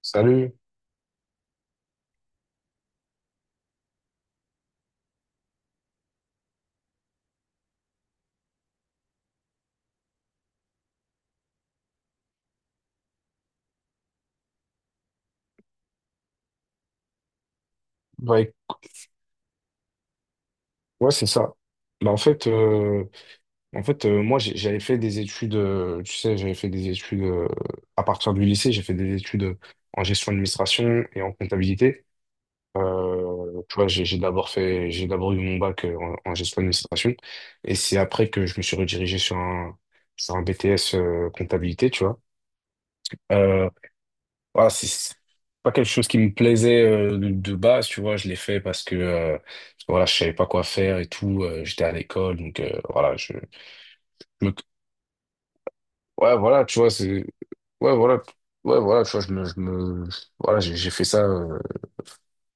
Salut. Bah, ouais, c'est ça. Bah, en fait, moi, j'avais fait des études, tu sais, j'avais fait des études à partir du lycée, j'ai fait des études en gestion d'administration et en comptabilité. Tu vois, j'ai d'abord eu mon bac en gestion d'administration, et c'est après que je me suis redirigé sur un BTS comptabilité, tu vois. Euh, Voilà, c'est pas quelque chose qui me plaisait, de base, tu vois. Je l'ai fait parce que, voilà, je savais pas quoi faire et tout. J'étais à l'école, donc voilà, je me, ouais, voilà, tu vois, ouais, voilà, ouais, voilà, tu vois, voilà, j'ai fait ça,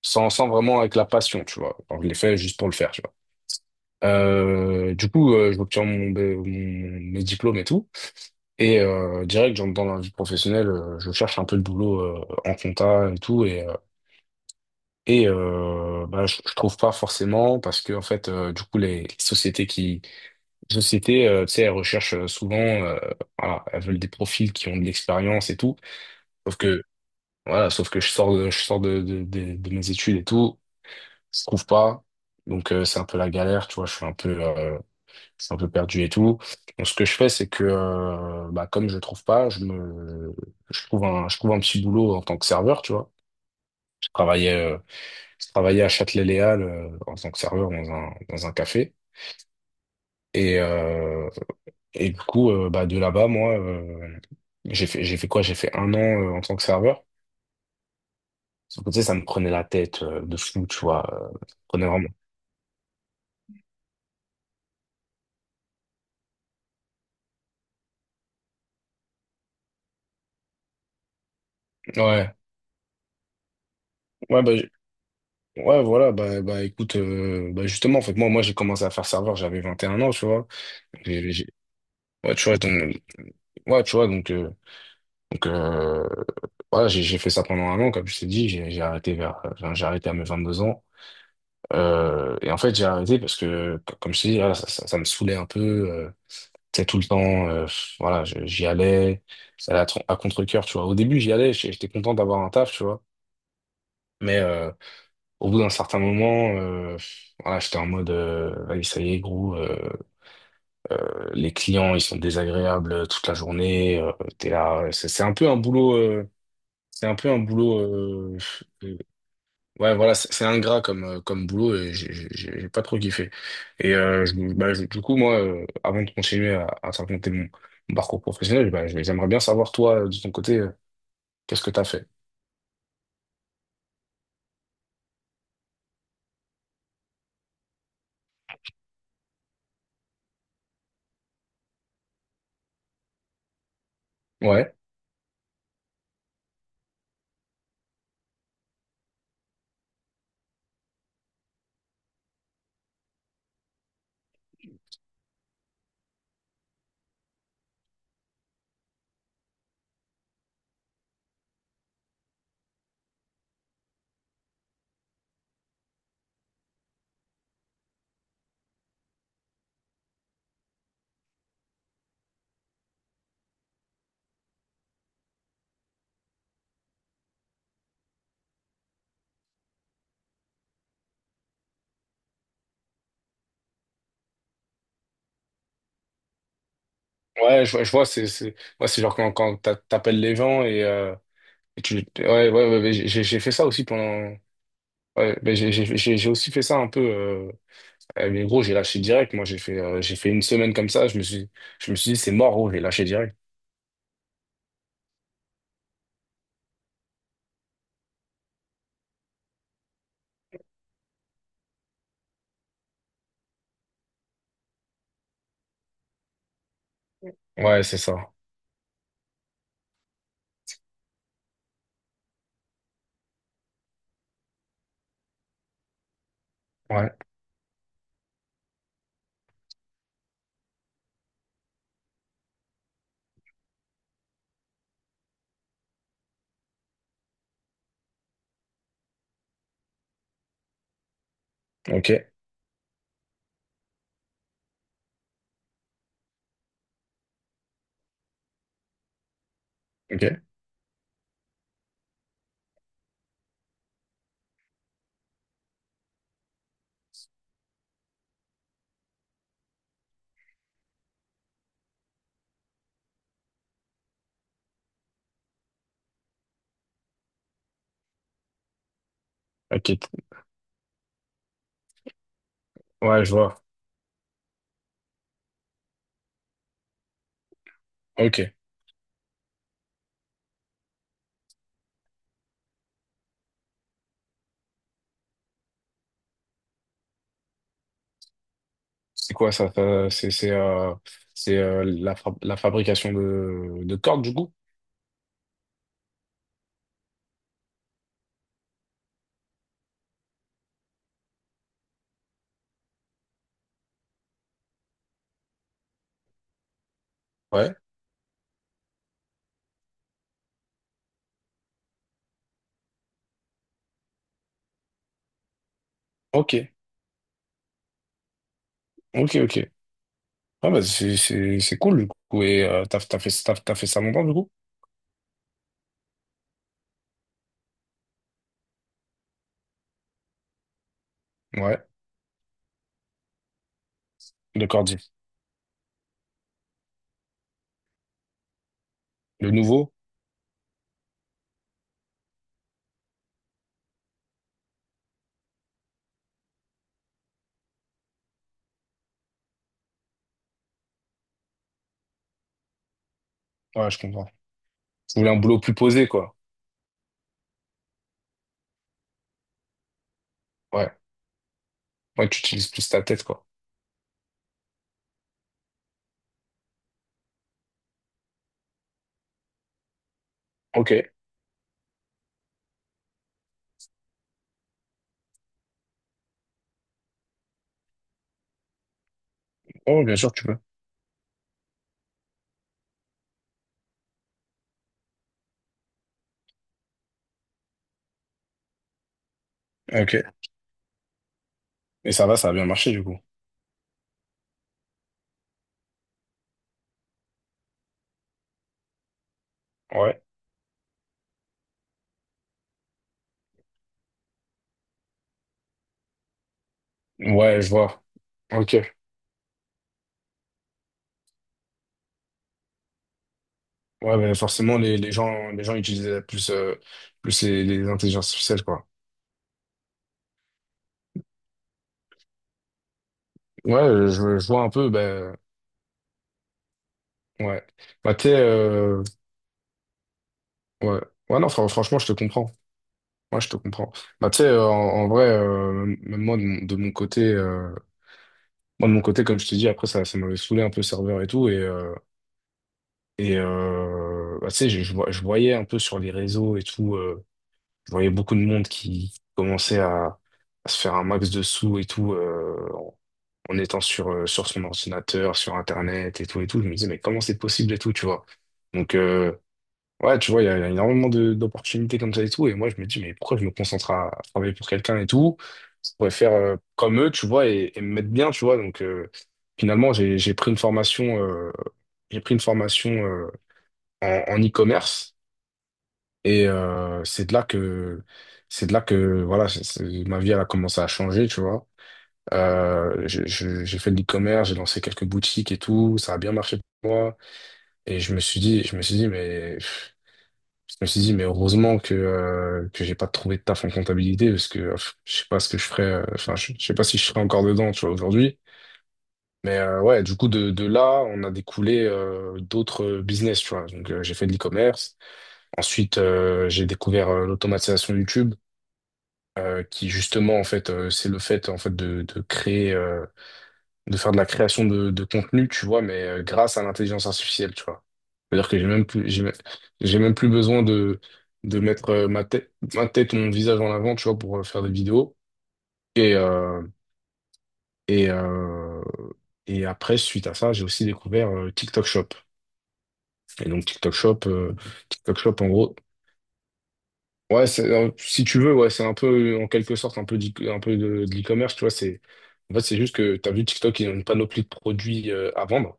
sans vraiment avec la passion, tu vois. Enfin, je l'ai fait juste pour le faire, tu vois. J'obtiens mes diplômes et tout, et direct, j'entre dans la vie professionnelle. Je cherche un peu de boulot en compta et tout, bah, je trouve pas forcément parce que, en fait, du coup, les sociétés, tu sais, elles recherchent souvent, voilà, elles veulent des profils qui ont de l'expérience et tout, sauf que voilà, sauf que je sors de mes études et tout, je trouve pas. Donc c'est un peu la galère, tu vois, je suis un peu, perdu et tout. Donc ce que je fais, c'est que, bah, comme je trouve pas, je trouve un petit boulot en tant que serveur, tu vois. je travaillais euh, Je travaillais à Châtelet-Léal, en tant que serveur, dans dans un café. Et, euh, et du coup, bah, de là-bas, moi, j'ai fait quoi? J'ai fait un an, en tant que serveur. Sauf que, tu sais, ça me prenait la tête, de fou, tu vois. Ça me prenait vraiment. Ouais, ouais, bah, ouais, voilà, bah écoute, bah, justement, en fait, moi j'ai commencé à faire serveur, j'avais 21 ans, tu vois. J'ai- j'ai- Ouais, tu vois, donc, ouais, tu vois, donc, euh, donc euh, voilà, j'ai fait ça pendant un an, comme je t'ai dit, j'ai arrêté à mes 22 ans. Et en fait, j'ai arrêté parce que, comme je te dis, voilà, ça me saoulait un peu. Euh, Tu sais, tout le temps, voilà, j'y allais, ça allait à contre-cœur, tu vois. Au début, j'y allais, j'étais content d'avoir un taf, tu vois. Mais au bout d'un certain moment, voilà, j'étais en mode, vas ça y est, gros, les clients, ils sont désagréables toute la journée. T'es là, ouais, c'est un peu un boulot, c'est un peu un boulot Ouais, voilà, c'est ingrat comme, comme boulot, et j'ai pas trop kiffé. Et bah, du coup, moi, avant de continuer à te raconter mon parcours professionnel, bah, j'aimerais bien savoir, toi, de ton côté, qu'est-ce que t'as fait? Ouais, ouais, je vois, ouais, c'est genre quand, t'appelles les gens Ouais, ouais, ouais, ouais, fait ça aussi pendant... Ouais, bah, j'ai aussi fait ça un peu... Mais gros, j'ai lâché direct. Moi, j'ai fait une semaine comme ça. Je me suis dit, c'est mort, gros, j'ai lâché direct. Ouais, c'est ça. Ouais, ok. Ok. Ok, t- ouais, je vois. Ok. C'est quoi ça? C'est La, la fabrication de cordes, du coup? Ouais. Ok, ok, ok. Ah bah c'est cool, du coup. Et t'as fait ça longtemps, du coup? Ouais, de cordier. Le nouveau? Ouais, je comprends. Tu voulais un boulot plus posé, quoi. Ouais. Ouais, tu utilises plus ta tête, quoi. Ok. Oh, bien sûr, tu peux. Ok. Et ça va, ça a bien marché, du coup. Ouais. Ouais, je vois. Ok. Ouais, mais forcément, les gens utilisent plus les intelligences artificielles, quoi. Ouais, je vois un peu, ben, ouais. Bah, tu sais, ouais. Ouais, non, franchement, je te comprends. Moi, je te comprends. Bah, tu sais, en vrai, même moi, moi, de mon côté, comme je te dis, après, ça m'avait saoulé un peu le serveur et tout, bah, tu sais, je voyais un peu sur les réseaux et tout, je voyais beaucoup de monde qui commençait à se faire un max de sous et tout. En étant sur, sur son ordinateur, sur Internet et tout et tout. Je me disais, mais comment c'est possible et tout, tu vois. Donc, ouais, tu vois, il y a énormément d'opportunités comme ça et tout. Et moi, je me dis, mais pourquoi je me concentre à travailler pour quelqu'un et tout? Je pourrais faire comme eux, tu vois, et me mettre bien, tu vois. Donc, finalement, j'ai pris une formation en e-commerce. Et c'est de là que, voilà, ma vie, elle a commencé à changer, tu vois. J'ai fait de l'e-commerce, j'ai lancé quelques boutiques et tout, ça a bien marché pour moi. Et je me suis dit, je me suis dit, mais Je me suis dit, mais heureusement que j'ai pas trouvé de taf en comptabilité, parce que je sais pas ce que je ferais. Enfin, je sais pas si je serais encore dedans, tu vois, aujourd'hui. Mais ouais, du coup, de là, on a découlé d'autres business, tu vois. Donc, j'ai fait de l'e-commerce. Ensuite, j'ai découvert l'automatisation YouTube, qui justement, en fait, c'est le fait, en fait, de créer. De faire de la création de contenu, tu vois, mais grâce à l'intelligence artificielle, tu vois. C'est-à-dire que j'ai même plus besoin de mettre ma tête ou mon visage en avant, tu vois, pour faire des vidéos. Et, euh, et, euh, et après, suite à ça, j'ai aussi découvert TikTok Shop. Et donc, TikTok Shop, en gros, ouais, si tu veux, ouais, c'est un peu, en quelque sorte, un peu, un peu de l'e-commerce, tu vois. En fait, c'est juste que tu as vu TikTok, ils ont une panoplie de produits à vendre.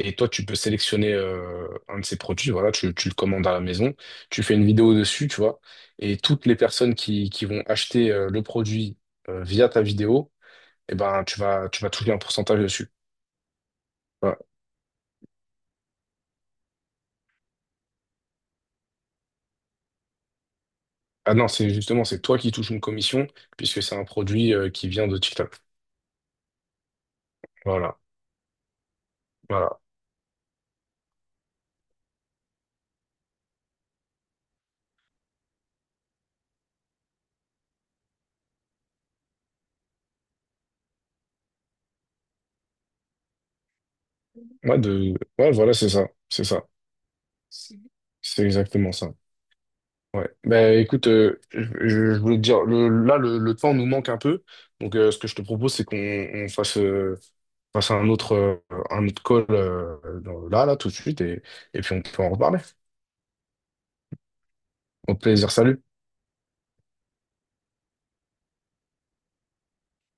Et toi, tu peux sélectionner un de ces produits. Voilà, tu le commandes à la maison, tu fais une vidéo dessus, tu vois, et toutes les personnes qui vont acheter le produit, via ta vidéo, eh ben, tu vas toucher un pourcentage dessus. Voilà. Ah non, c'est justement, c'est toi qui touches une commission, puisque c'est un produit qui vient de TikTok. Voilà, voilà. Ouais, ouais, voilà, c'est ça, c'est ça. C'est c'est exactement ça. Ouais. Ben écoute, je voulais te dire, le temps nous manque un peu, donc ce que je te propose, c'est qu'on fasse un autre, call, là tout de suite, et puis on peut en reparler. Au plaisir, salut.